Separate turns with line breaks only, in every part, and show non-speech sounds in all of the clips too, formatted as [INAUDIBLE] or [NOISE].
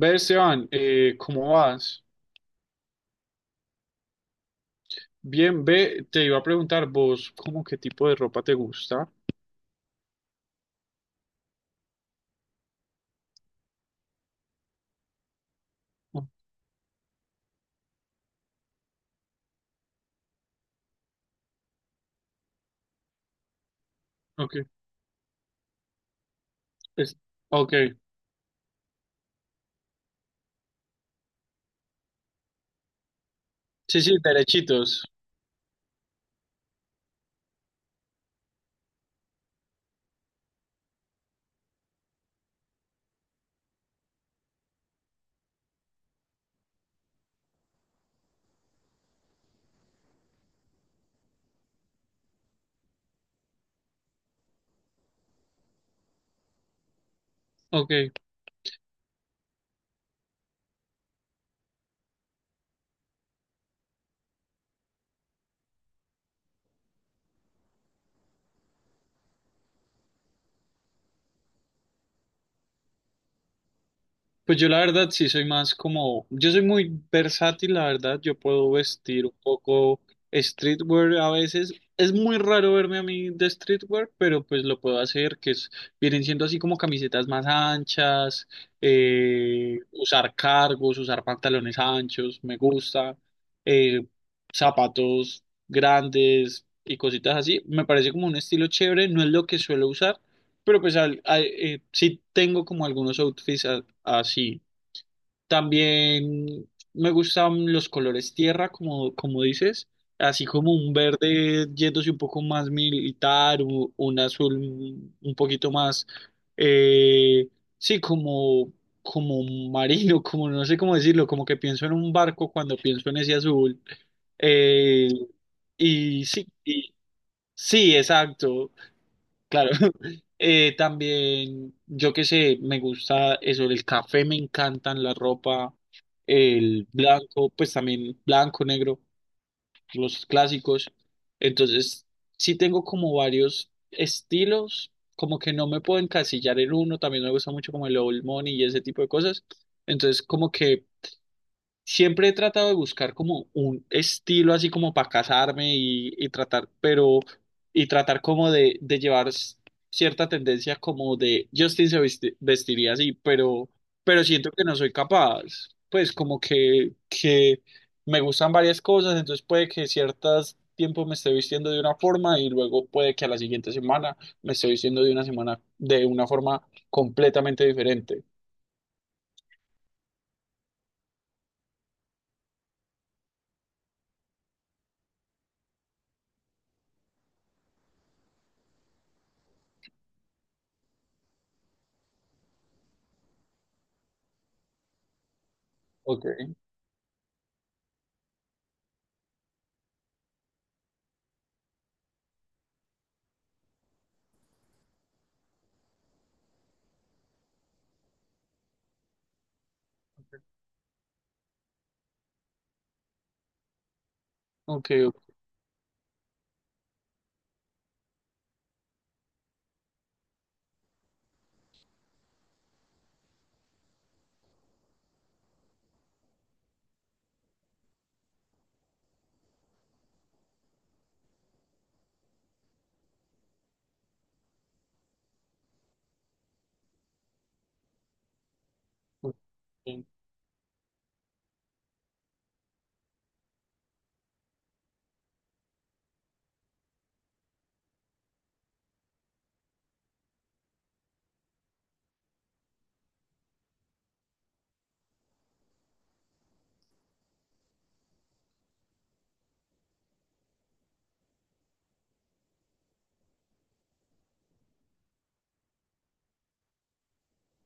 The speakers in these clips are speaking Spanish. Ve, Esteban, ¿cómo vas? Bien, ve, te iba a preguntar vos, ¿cómo qué tipo de ropa te gusta? Oh. Ok. es- ok, sí, sí, derechitos, ok. Pues yo la verdad sí soy más como, yo soy muy versátil, la verdad, yo puedo vestir un poco streetwear a veces. Es muy raro verme a mí de streetwear, pero pues lo puedo hacer, que es, vienen siendo así como camisetas más anchas, usar cargos, usar pantalones anchos, me gusta, eh, zapatos grandes y cositas así. Me parece como un estilo chévere, no es lo que suelo usar, pero pues sí tengo como algunos outfits así. También me gustan los colores tierra, como, como dices, así como un verde yéndose un poco más militar, un azul un poquito más, eh, sí, como, como marino, [LAUGHS] como no sé cómo decirlo, como que pienso en un barco cuando pienso en ese azul. Eh, y sí, y, sí, exacto, claro. También, yo qué sé, me gusta eso, el café, me encantan la ropa, el blanco, pues también blanco, negro, los clásicos. Entonces, sí tengo como varios estilos, como que no me puedo encasillar en uno, también me gusta mucho como el old money y ese tipo de cosas. Entonces, como que siempre he tratado de buscar como un estilo así como para casarme y tratar, pero, y tratar como de llevar cierta tendencia como de Justin vestiría así, pero siento que no soy capaz. Pues como que me gustan varias cosas, entonces puede que ciertos tiempos me esté vistiendo de una forma y luego puede que a la siguiente semana me esté vistiendo de una semana de una forma completamente diferente. Ok, ok, ok. Ok.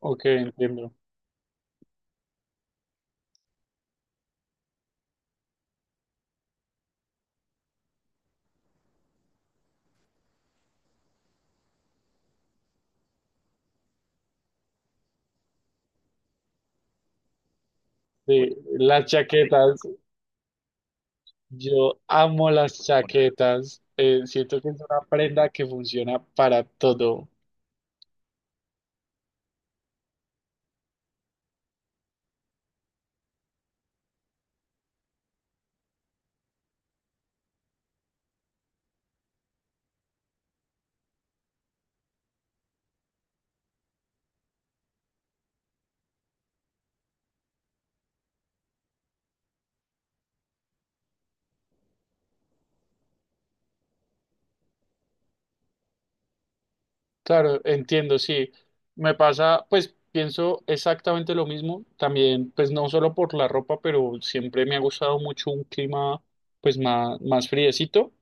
Ok, entiendo. Sí, las chaquetas, yo amo las chaquetas. Siento que es una prenda que funciona para todo. Claro, entiendo, sí. Me pasa, pues pienso exactamente lo mismo. También, pues no solo por la ropa, pero siempre me ha gustado mucho un clima, pues más, más friecito.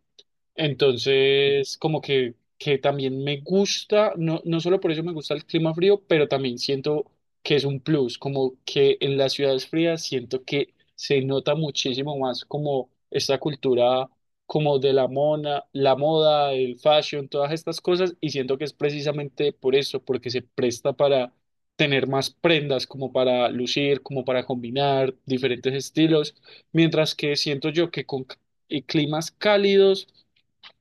Entonces, como que también me gusta, no, no solo por eso me gusta el clima frío, pero también siento que es un plus, como que en las ciudades frías siento que se nota muchísimo más como esta cultura como de la mona, la moda, el fashion, todas estas cosas, y siento que es precisamente por eso, porque se presta para tener más prendas, como para lucir, como para combinar diferentes estilos, mientras que siento yo que y climas cálidos,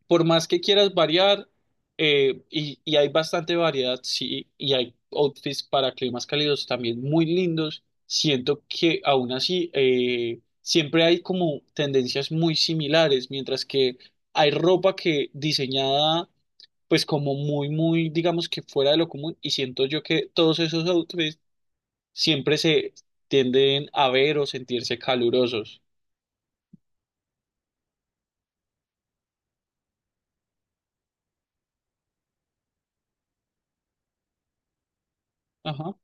por más que quieras variar, y hay bastante variedad, sí, y hay outfits para climas cálidos también muy lindos, siento que aún así siempre hay como tendencias muy similares, mientras que hay ropa que diseñada pues como muy, muy, digamos que fuera de lo común, y siento yo que todos esos outfits siempre se tienden a ver o sentirse calurosos. Ajá.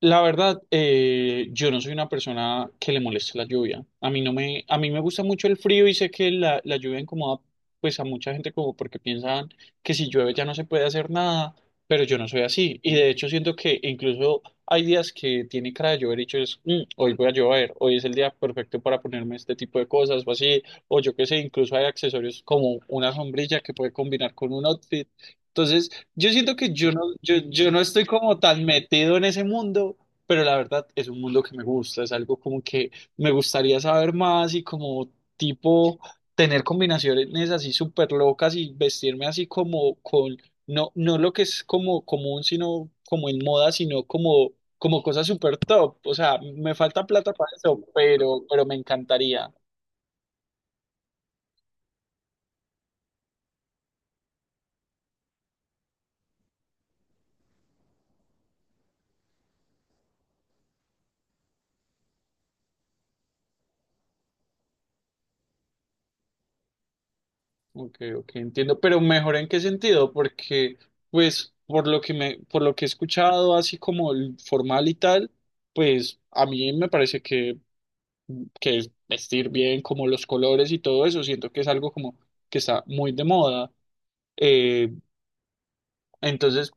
La verdad, yo no soy una persona que le moleste la lluvia. A mí no me, a mí me gusta mucho el frío y sé que la lluvia incomoda pues a mucha gente como porque piensan que si llueve ya no se puede hacer nada, pero yo no soy así. Y de hecho siento que incluso hay días que tiene cara de llover y yo es, "Mm, hoy voy a llover, hoy es el día perfecto para ponerme este tipo de cosas o así, o yo qué sé, incluso hay accesorios como una sombrilla que puede combinar con un outfit". Entonces, yo siento que yo no, yo no estoy como tan metido en ese mundo, pero la verdad es un mundo que me gusta, es algo como que me gustaría saber más y como tipo tener combinaciones así súper locas y vestirme así como con, no, no lo que es como común, sino como en moda, sino como, como cosas súper top. O sea, me falta plata para eso, pero me encantaría. Ok, ok, entiendo, pero mejor en qué sentido, porque pues por lo que me, por lo que he escuchado así como el formal y tal, pues a mí me parece que es vestir bien como los colores y todo eso, siento que es algo como que está muy de moda. Eh, entonces,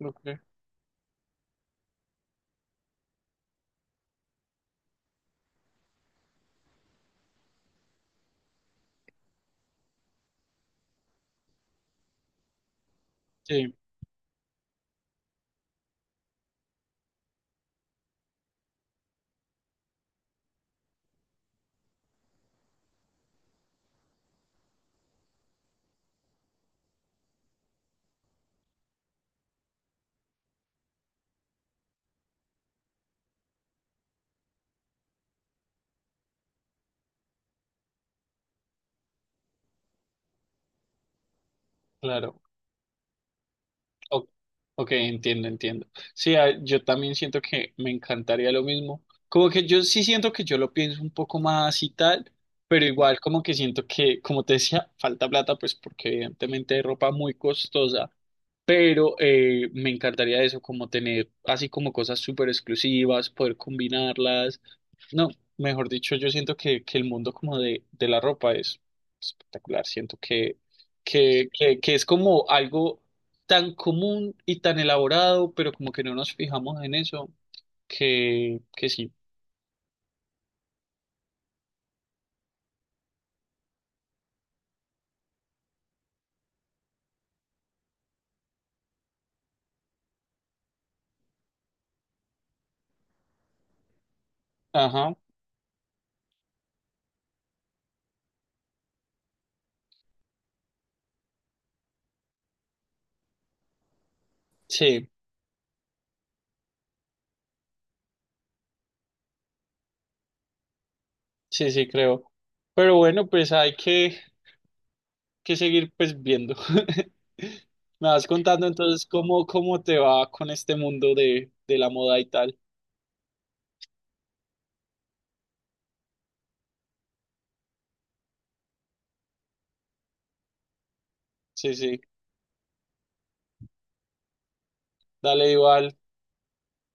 ok, sí, claro. O- Ok, entiendo, entiendo. Sí, ah, yo también siento que me encantaría lo mismo. Como que yo sí siento que yo lo pienso un poco más y tal, pero igual como que siento que, como te decía, [LAUGHS] falta plata, pues porque evidentemente hay ropa muy costosa, pero me encantaría eso, como tener así como cosas súper exclusivas, poder combinarlas, no, mejor dicho, yo siento que el mundo como de la ropa es espectacular. Siento que, que es como algo tan común y tan elaborado, pero como que no nos fijamos en eso, que sí. Ajá, sí, sí, sí, creo. Pero bueno, pues hay que seguir pues viendo. [LAUGHS] Me vas contando entonces cómo, cómo te va con este mundo de la moda y tal. Sí, sí. Dale igual.